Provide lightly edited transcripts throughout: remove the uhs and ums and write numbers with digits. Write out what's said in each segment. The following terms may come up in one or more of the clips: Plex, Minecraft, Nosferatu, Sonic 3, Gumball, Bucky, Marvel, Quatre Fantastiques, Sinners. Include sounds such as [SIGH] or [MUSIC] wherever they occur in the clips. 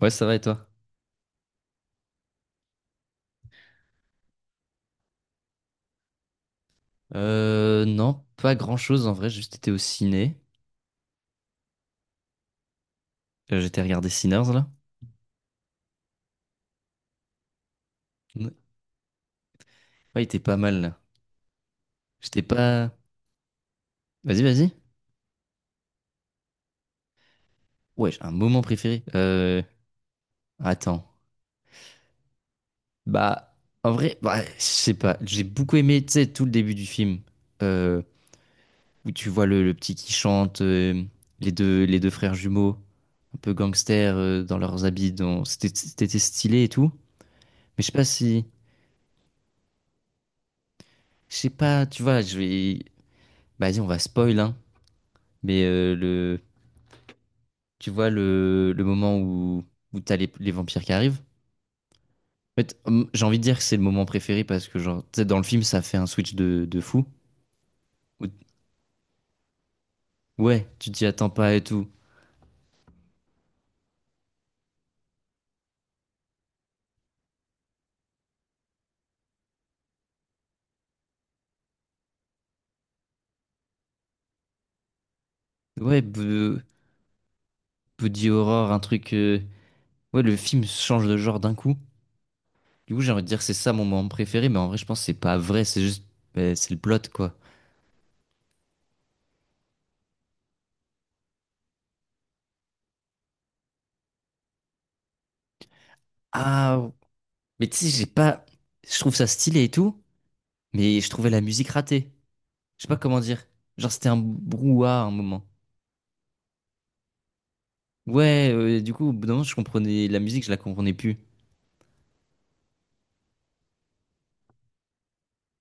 Ouais, ça va et toi? Non, pas grand-chose en vrai, j'ai juste été au ciné. J'étais regardé Sinners là. Ouais, ouais, il était pas mal là. J'étais pas. Vas-y, vas-y. Ouais, j'ai un moment préféré. Attends. Bah, en vrai, bah, je sais pas. J'ai beaucoup aimé, tu sais, tout le début du film. Euh, Où tu vois le petit qui chante, les deux frères jumeaux, un peu gangsters dans leurs habits. Dans... C'était stylé et tout. Mais je sais pas si. Je sais pas, tu vois, je vais. Bah, vas-y, on va spoil, hein. Mais tu vois le moment où t'as les vampires qui arrivent. En fait, j'ai envie de dire que c'est le moment préféré parce que, genre, tu sais, dans le film, ça fait un switch de fou. Où- Ouais, tu t'y attends pas et tout. Ouais, Body Horror, un truc. Ouais, le film change de genre d'un coup. Du coup, j'ai envie de dire que c'est ça mon moment préféré, mais en vrai, je pense que c'est pas vrai, c'est juste. C'est le plot, quoi. Ah, mais tu sais, j'ai pas. Je trouve ça stylé et tout, mais je trouvais la musique ratée. Je sais pas comment dire. Genre, c'était un brouhaha à un moment. Ouais, du coup, au bout d'un moment, je comprenais la musique, je la comprenais plus.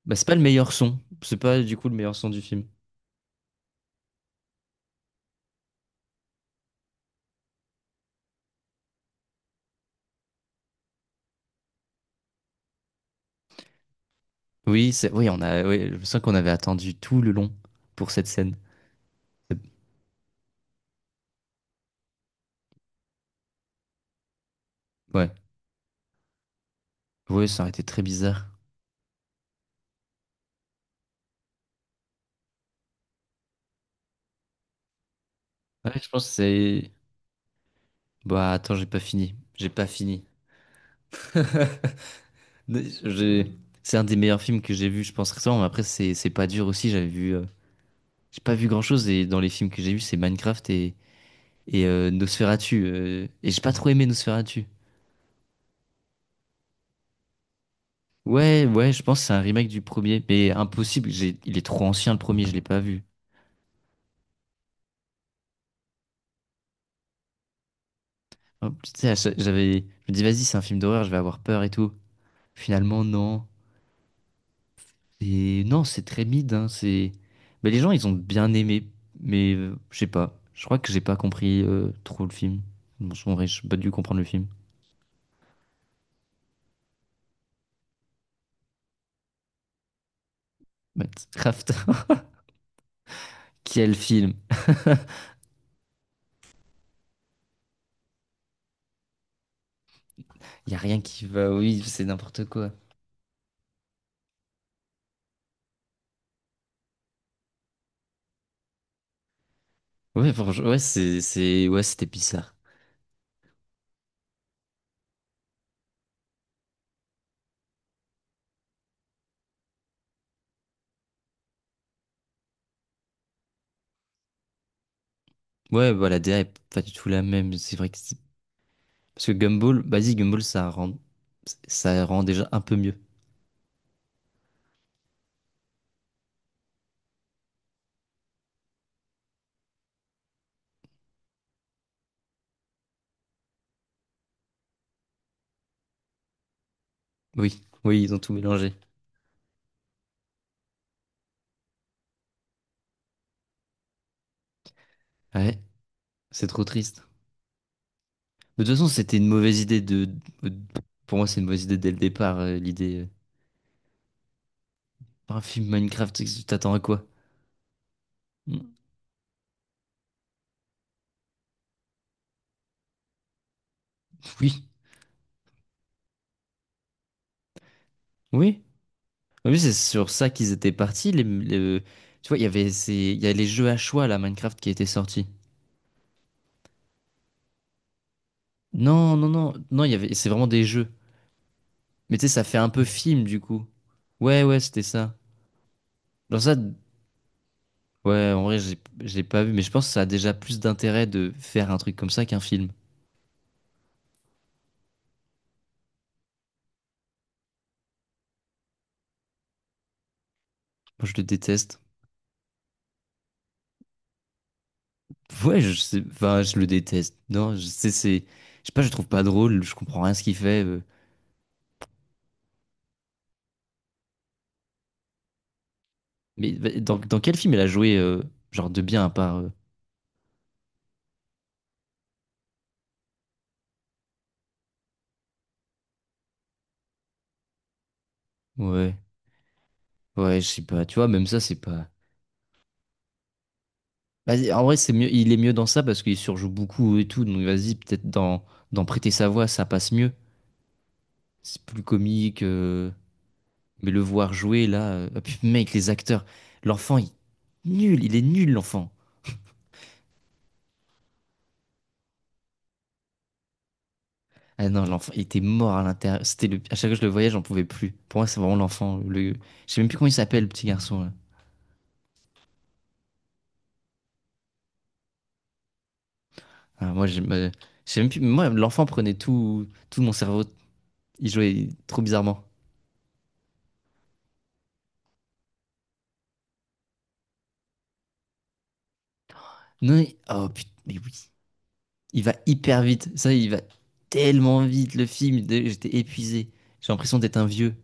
Bah, c'est pas le meilleur son. C'est pas du coup le meilleur son du film. Oui, c'est, oui, on a, ouais, je me sens qu'on avait attendu tout le long pour cette scène. C'est- Ouais, ouais, ça aurait été très bizarre. Ouais, je pense que c'est. Bah, attends, j'ai pas fini. J'ai pas fini. [LAUGHS] J'ai- C'est un des meilleurs films que j'ai vu, je pense récemment. Mais après, c'est pas dur aussi. J'avais vu, j'ai pas vu grand-chose et dans les films que j'ai vus, c'est Minecraft et Nosferatu. Et j'ai pas trop aimé Nosferatu. Ouais, ouais, je pense que c'est un remake du premier, mais impossible, il est trop ancien le premier, je l'ai pas vu. Hop, tu sais, je me dis vas-y, c'est un film d'horreur, je vais avoir peur et tout. Finalement, non. Et non, c'est très mid, hein, c'est... Mais les gens, ils ont bien aimé, mais je sais pas, je crois que j'ai pas compris trop le film. Bon, en vrai, j'ai pas dû comprendre le film. Minecraft, [LAUGHS] quel film! [LAUGHS] Y a rien qui va, oui, c'est n'importe quoi. Ouais, franchement, ouais, ouais, c'était bizarre. Ouais, voilà, la DA est pas du tout la même. C'est vrai que parce que Gumball, vas-y, Gumball, ça rend déjà un peu mieux. Oui, oui, ils ont tout mélangé. Ouais, c'est trop triste. Mais de toute façon, c'était une mauvaise idée de... Pour moi, c'est une mauvaise idée dès le départ, l'idée... Un film Minecraft, tu t'attends à quoi? Mm. Oui, oui. Oui, c'est sur ça qu'ils étaient partis. Tu vois, il y avait ces... il y a les jeux à choix, là, Minecraft, qui étaient sortis. Non, non, non, non, il y avait... c'est vraiment des jeux. Mais tu sais, ça fait un peu film, du coup. Ouais, ouais, c'était ça. Dans ça, ouais, en vrai, j'ai pas vu, mais je pense que ça a déjà plus d'intérêt de faire un truc comme ça qu'un film. Moi, je le déteste. Ouais, je sais, enfin, je le déteste. Non, je sais, c'est, je sais pas, je le trouve pas drôle, je comprends rien à ce qu'il fait. Mais bah, dans quel film elle a joué, genre de bien à part, ouais, ouais, je sais pas, tu vois, même ça, c'est pas. Vas-y, en vrai, c'est mieux, il est mieux dans ça parce qu'il surjoue beaucoup et tout, donc vas-y, peut-être dans, dans Prêter sa voix, ça passe mieux. C'est plus comique. Mais le voir jouer là, ah, puis mec, les acteurs, l'enfant, il est nul l'enfant. Ah non, l'enfant, il était mort à l'intérieur. C'était le... À chaque fois que je le voyais, j'en pouvais plus. Pour moi, c'est vraiment l'enfant. Le... Je sais même plus comment il s'appelle, le petit garçon, là. Ah, moi, je sais même plus... moi, l'enfant prenait tout mon cerveau. Il jouait trop bizarrement. Non, oh putain, mais oui. Il va hyper vite. Ça, il va tellement vite, le film. J'étais épuisé. J'ai l'impression d'être un vieux.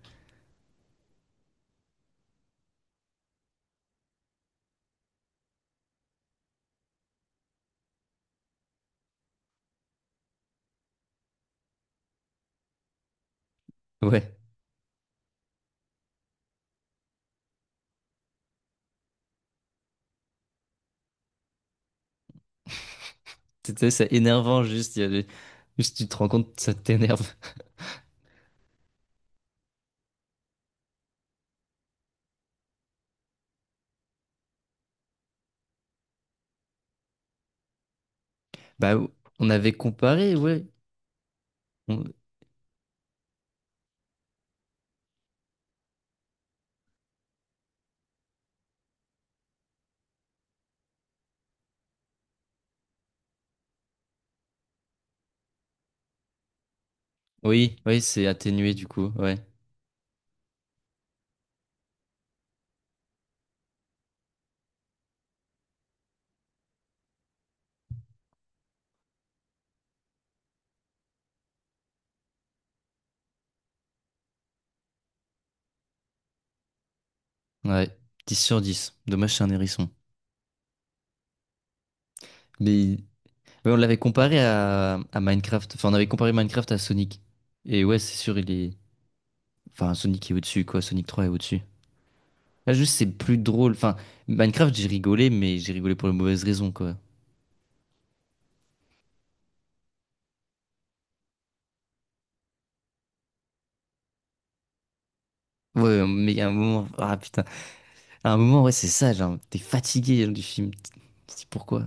Ouais. Tu sais, c'est énervant, juste. Il y a des- Juste, tu te rends compte, ça t'énerve. Bah, on avait comparé, ouais. On- Oui, oui, c'est atténué du coup, ouais. Ouais, 10/10. Dommage, c'est un hérisson. Mais ouais, on l'avait comparé à Minecraft. Enfin, on avait comparé Minecraft à Sonic. Et ouais, c'est sûr, il est. Enfin, Sonic est au-dessus, quoi. Sonic 3 est au-dessus. Là, juste, c'est plus drôle. Enfin, Minecraft, j'ai rigolé, mais j'ai rigolé pour les mauvaises raisons, quoi. Ouais, mais il y a un moment. Ah putain. À un moment, ouais, c'est ça, genre, t'es fatigué genre, du film. Tu te dis pourquoi?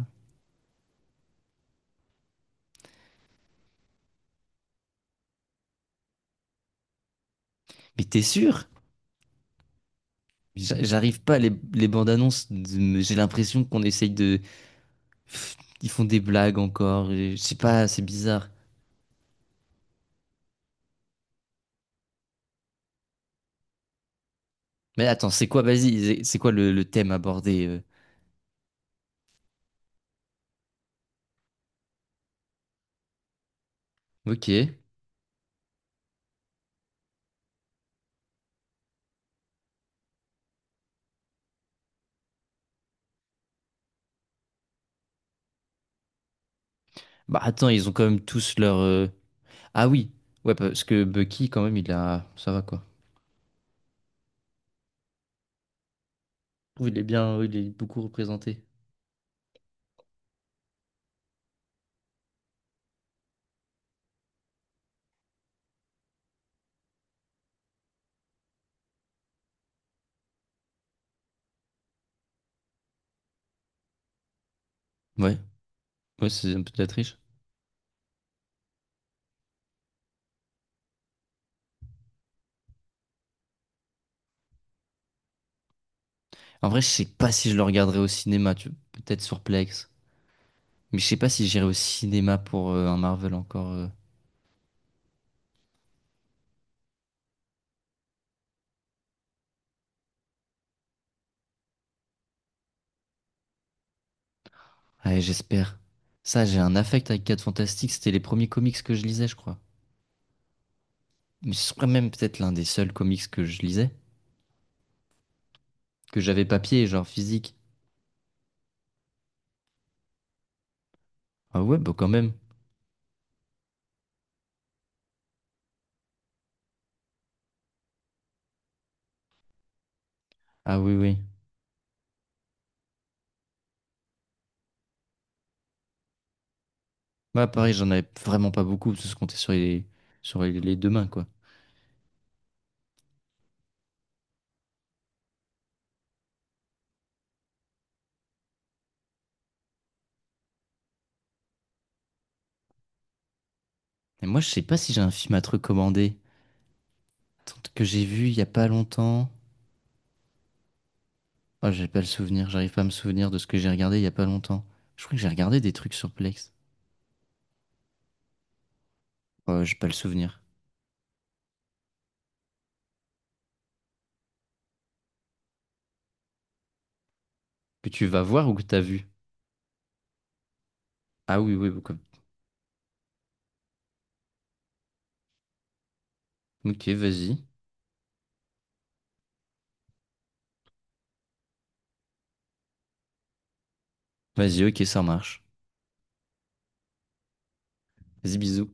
Mais t'es sûr? J'arrive pas, les bandes annonces, j'ai l'impression qu'on essaye de. Pff, ils font des blagues encore, et je sais pas, c'est bizarre. Mais attends, c'est quoi, vas-y, c'est quoi le thème abordé? Ok. Bah attends, ils ont quand même tous leur. Ah oui, ouais, parce que Bucky, quand même, il a. Ça va quoi. Je trouve il est bien, il est beaucoup représenté. Ouais, ouais, c'est un peu de la triche. En vrai, je sais pas si je le regarderai au cinéma, tu... peut-être sur Plex. Mais je sais pas si j'irai au cinéma pour un Marvel encore. Ouais, j'espère. Ça, j'ai un affect avec Quatre Fantastiques. C'était les premiers comics que je lisais, je crois. Mais ce serait même peut-être l'un des seuls comics que je lisais. Que j'avais papier, genre physique. Ah ouais, bah quand même. Ah oui, oui. Moi, pareil, j'en avais vraiment pas beaucoup, parce que je comptais sur les deux mains, quoi. Et moi, je sais pas si j'ai un film à te recommander. Attends, que j'ai vu il y a pas longtemps. Oh, j'ai pas le souvenir. J'arrive pas à me souvenir de ce que j'ai regardé il y a pas longtemps. Je crois que j'ai regardé des trucs sur Plex. Oh, j'ai pas le souvenir. Que tu vas voir ou que t'as vu? Ah oui, oui, beaucoup. Ok, vas-y. Vas-y, ok, ça marche. Vas-y, bisous.